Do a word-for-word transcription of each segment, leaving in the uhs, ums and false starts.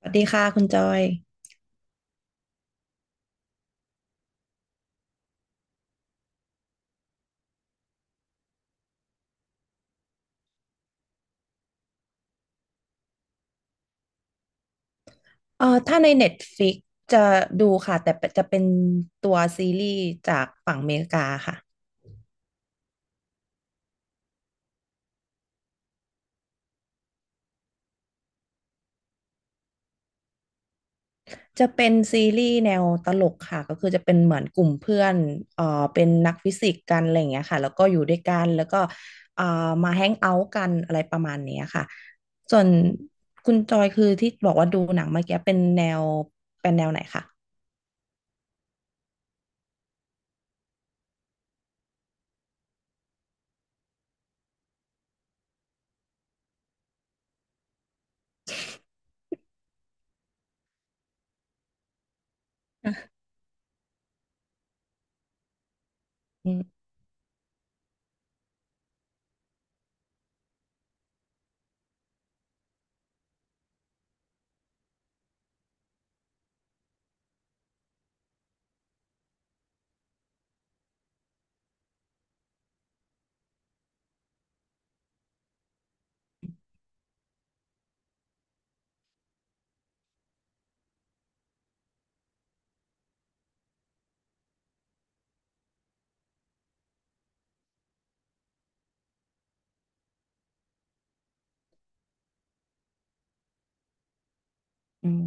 สวัสดีค่ะคุณจอยเอ่อถ้าใน Netflix จะดูค่ะแต่จะเป็นตัวซีรีส์จากฝั่งอเมริกาค่ะ จะเป็นซีรีส์แนวตลกค่ะก็คือจะเป็นเหมือนกลุ่มเพื่อนเอ่อเป็นนักฟิสิกส์กันอะไรอย่างเงี้ยค่ะแล้วก็อยู่ด้วยกันแล้วก็เอ่อมาแฮงเอาท์กันอะไรประมาณเนี้ยค่ะส่วนคุณจอยคือที่บอกว่าดูหนังเมื่อกี้เป็นแนวเป็นแนวไหนคะอ่ะอืมอืม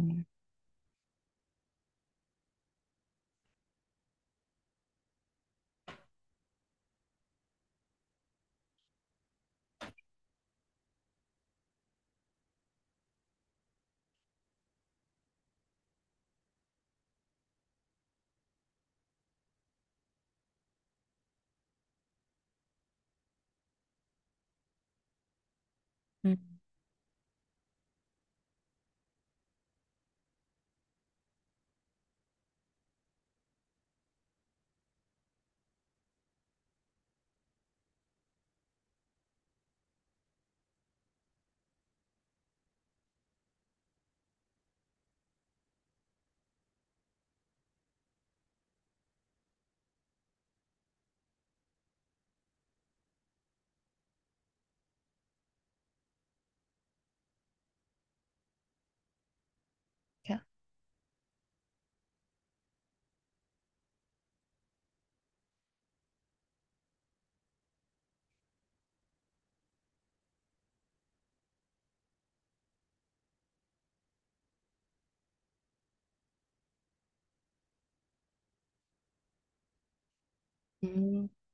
อืมค่ะอืม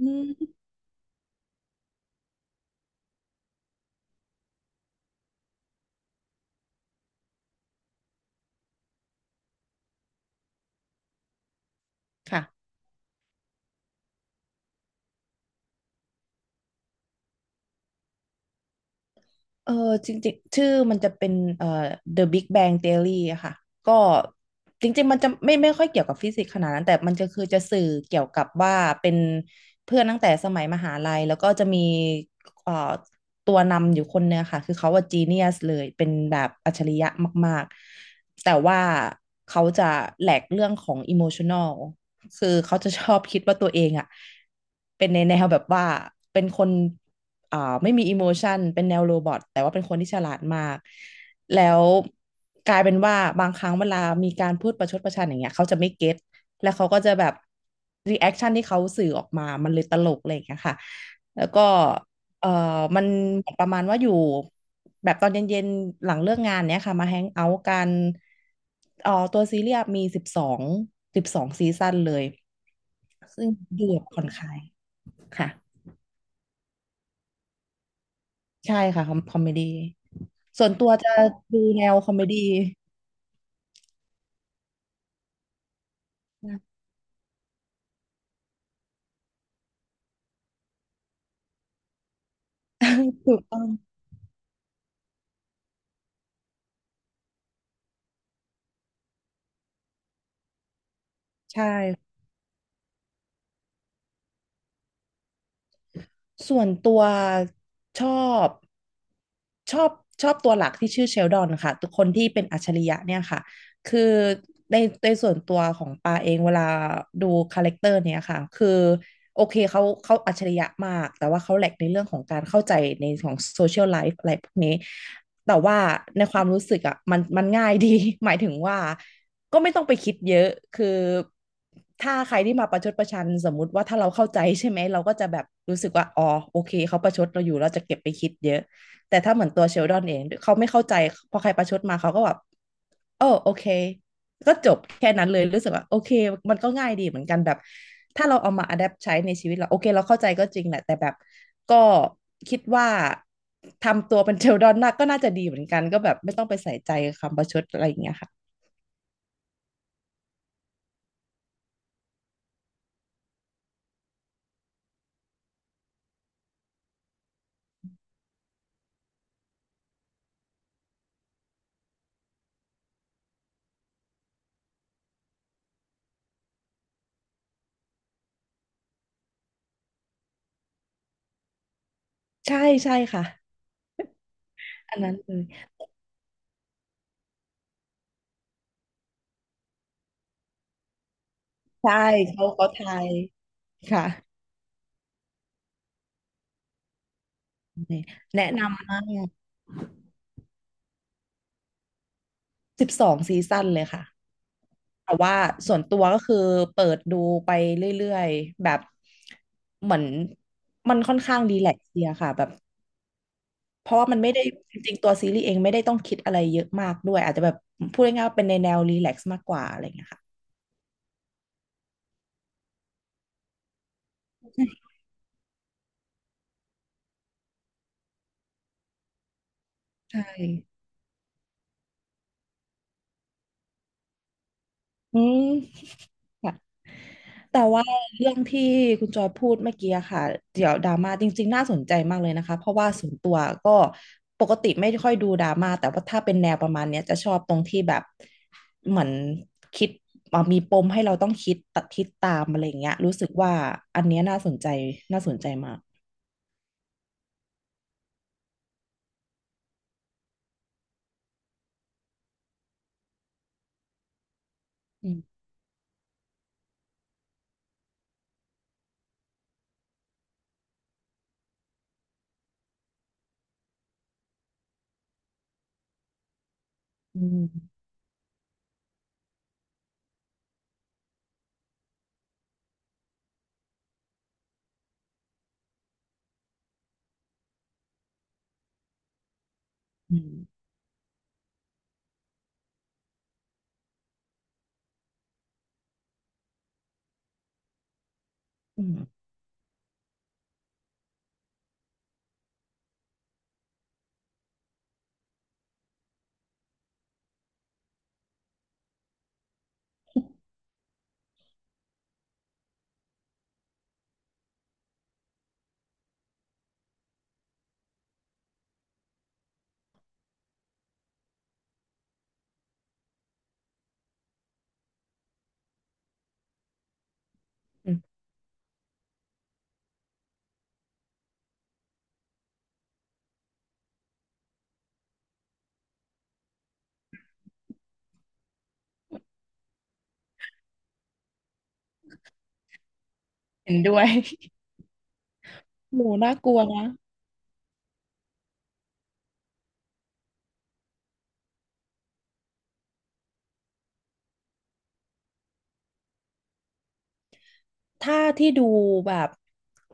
อืมค่ะ เออจริงๆชื่อมันจะเป็นเอ่อ The Big Bang Theory อะค่ะก็จริงๆมันจะไม่ไม่ค่อยเกี่ยวกับฟิสิกส์ขนาดนั้นแต่มันจะคือจะสื่อเกี่ยวกับว่าเป็นเพื่อนตั้งแต่สมัยมหาลัยแล้วก็จะมีเอ่อตัวนำอยู่คนเนี่ยค่ะคือเขาว่าจีเนียสเลยเป็นแบบอัจฉริยะมากๆแต่ว่าเขาจะแหลกเรื่องของอิโมชั n น l คือเขาจะชอบคิดว่าตัวเองอะเป็นในแนวแบบว่าเป็นคน เอ่อไม่มีอิโมชันเป็นแนวโรบอทแต่ว่าเป็นคนที่ฉลาดมากแล้วกลายเป็นว่าบางครั้งเวลามีการพูดประชดประชันอย่างเงี้ยเขาจะไม่เก็ตแล้วเขาก็จะแบบรีแอคชั่นที่เขาสื่อออกมามันเลยตลกอะไรอย่างเงี้ยค่ะแล้วก็เอ่อมันประมาณว่าอยู่แบบตอนเย็นๆหลังเลิกงานเนี้ยค่ะมาแฮงเอาท์กันเอ่อตัวซีรีส์มีสิบสองสิบสองซีซั่นเลยซึ่งดูแบบผ่อนคลายค่ะ ใช่ค่ะคอมคอมเมดี้ส่วนตัวจะดูแนวคอมเมดี้นะ ถูกต้องใช่ส่วนตัวชอบชอบชอบตัวหลักที่ชื่อเชลดอนค่ะทุกคนที่เป็นอัจฉริยะเนี่ยค่ะคือในในส่วนตัวของปาเองเวลาดูคาแรคเตอร์เนี่ยค่ะคือโอเคเขาเขาอัจฉริยะมากแต่ว่าเขาแหลกในเรื่องของการเข้าใจในของโซเชียลไลฟ์อะไรพวกนี้ แต่ว่าในความรู้สึกอ่ะมันมันง่ายดี หมายถึงว่าก็ไม่ต้องไปคิดเยอะคือถ้าใครที่มาประชดประชันสมมุติว่าถ้าเราเข้าใจใช่ไหมเราก็จะแบบรู้สึกว่าอ๋อโอเคเขาประชดเราอยู่เราจะเก็บไปคิดเยอะแต่ถ้าเหมือนตัวเชลดอนเองเขาไม่เข้าใจพอใครประชดมาเขาก็แบบเออโอเค ก็จบแค่นั้นเลยรู้สึกว่าโอเคมันก็ง่ายดีเหมือนกันแบบถ้าเราเอามาอัดแอปใช้ในชีวิตเราโอเคเราเข้าใจก็จริงแหละแต่แบบก็คิดว่าทำตัวเป็นเทลดอนน่กก็น่าจะดีเหมือนกันก็แบบไม่ต้องไปใส่ใจคำประชดอะไรอย่างเงี้ยค่ะใช่ใช่ค่ะอันนั้นเลยใช่เขาเขาไทยค่ะแนะนำมากสิบสองซีซั่นเลยค่ะแต่ว่าส่วนตัวก็คือเปิดดูไปเรื่อยๆแบบเหมือนมันค่อนข้างรีแลกซ์ดีอะค่ะแบบ เพราะว่ามันไม่ได้จริงๆตัวซีรีส์เองไม่ได้ต้องคิดอะไรเยอะมากด้วยอาจจะแบบพูดง่ายๆว่าเป็นในแนวรีแลกซ์มากกว่าอะไรอย่างเงี้ยค่ะใช่อืมค่ะแต่ว่าเรื่องที่คุณจอยพูดเมื่อกี้อะค่ะเดี๋ยวดราม่าจริงๆน่าสนใจมากเลยนะคะเพราะว่าส่วนตัวก็ปกติไม่ค่อยดูดราม่าแต่ว่าถ้าเป็นแนวประมาณเนี้ยจะชอบตรงที่แบบเหมือนคิดอ่ะมีปมให้เราต้องคิดตัดคิดตามอะไรอย่างเงี้ยรู้สึกว่าอันเนี้ยน่าสนใจน่าสนใจมากอืมอืมอืมอืม อืมเห็นด้วย หมูน่ากลัวนะถ้าที่ดูแบบ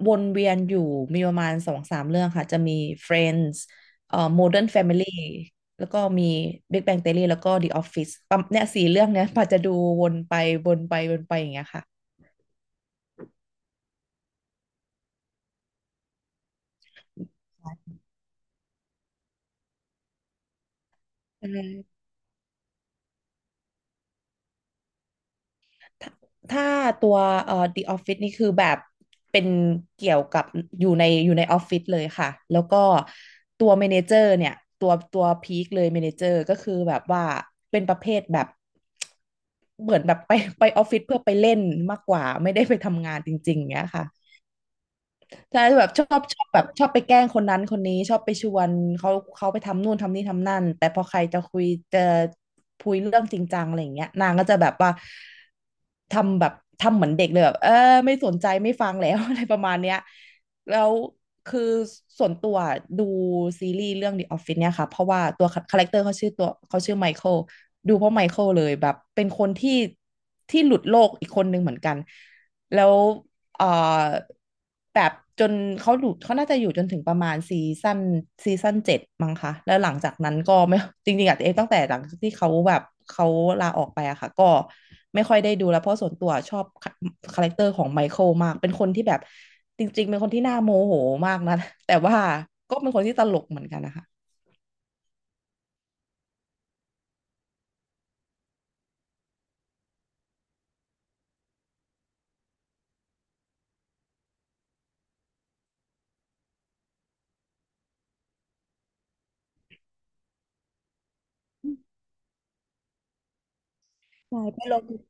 วนเวียนอยู่มีประมาณสองสามเรื่องค่ะจะมี Friends เอ่อ Modern Family แล้วก็มี Big Bang Theory แล้วก็ The Office ปั๊มเนี่ยสี่เรื่องเนี้ยป่าจะดูวนไปวนไปวนไปอย่างเงี้ยค่ะใช่ ถ้าถ้าตัวเอ่อ The Office นี่คือแบบเป็นเกี่ยวกับอยู่ในอยู่ในออฟฟิศเลยค่ะแล้วก็ตัวเมเนเจอร์เนี่ยตัวตัวพีคเลยเมเนเจอร์ก็คือแบบว่าเป็นประเภทแบบเหมือนแบบไปไปออฟฟิศเพื่อไปเล่นมากกว่าไม่ได้ไปทำงานจริงๆเนี้ยค่ะ ใช่แบบชอบชอบแบบชอบไปแกล้งคนนั้นคนนี้ชอบไปชวนเขาเขาไปทำนู่นทำนี่ทำนั่นแต่พอใครจะคุยจะคุยเรื่องจริงจังอะไรอย่างเงี้ยนางก็จะแบบว่าทำแบบทำเหมือนเด็กเลยแบบเออไม่สนใจไม่ฟังแล้ว อะไรประมาณเนี้ยแล้วคือส่วนตัวดูซีรีส์เรื่อง The Office เนี่ยค่ะเพราะว่าตัวคาแรคเตอร์เขาชื่อตัวเขาชื่อไมเคิลดูเพราะไมเคิลเลยแบบเป็นคนที่ที่หลุดโลกอีกคนนึงเหมือนกัน แล้วเอ่อแบบจนเขาอยู่เขาน่าจะอยู่จนถึงประมาณซีซั่นซีซั่นเจ็ดมั้งคะแล้วหลังจากนั้นก็ไม่ จริงๆอะเองตั้งแต่หลังจากที่เขาแบบเขาลาออกไปอะค่ะก็ไม่ค่อยได้ดูแล้วเพราะส่วนตัวชอบคาแรคเตอร์ของไมเคิลมากเป็นคนที่แบบจริงๆเป็นคนที่น่าโมโหมากนะ แต่ว่าก็เป็นคนที่ตลกเหมือนกันนะคะใช่ไปลอง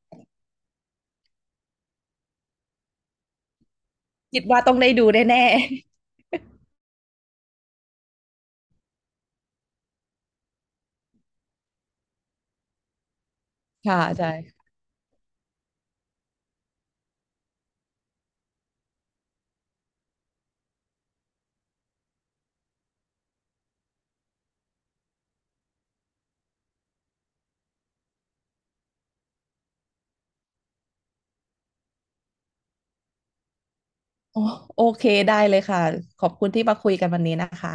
คิดว่าต้องได้ดูแน่ๆค่ะใช่โอโอเคได้เลยค่ะขอบคุณที่มาคุยกันวันนี้นะคะ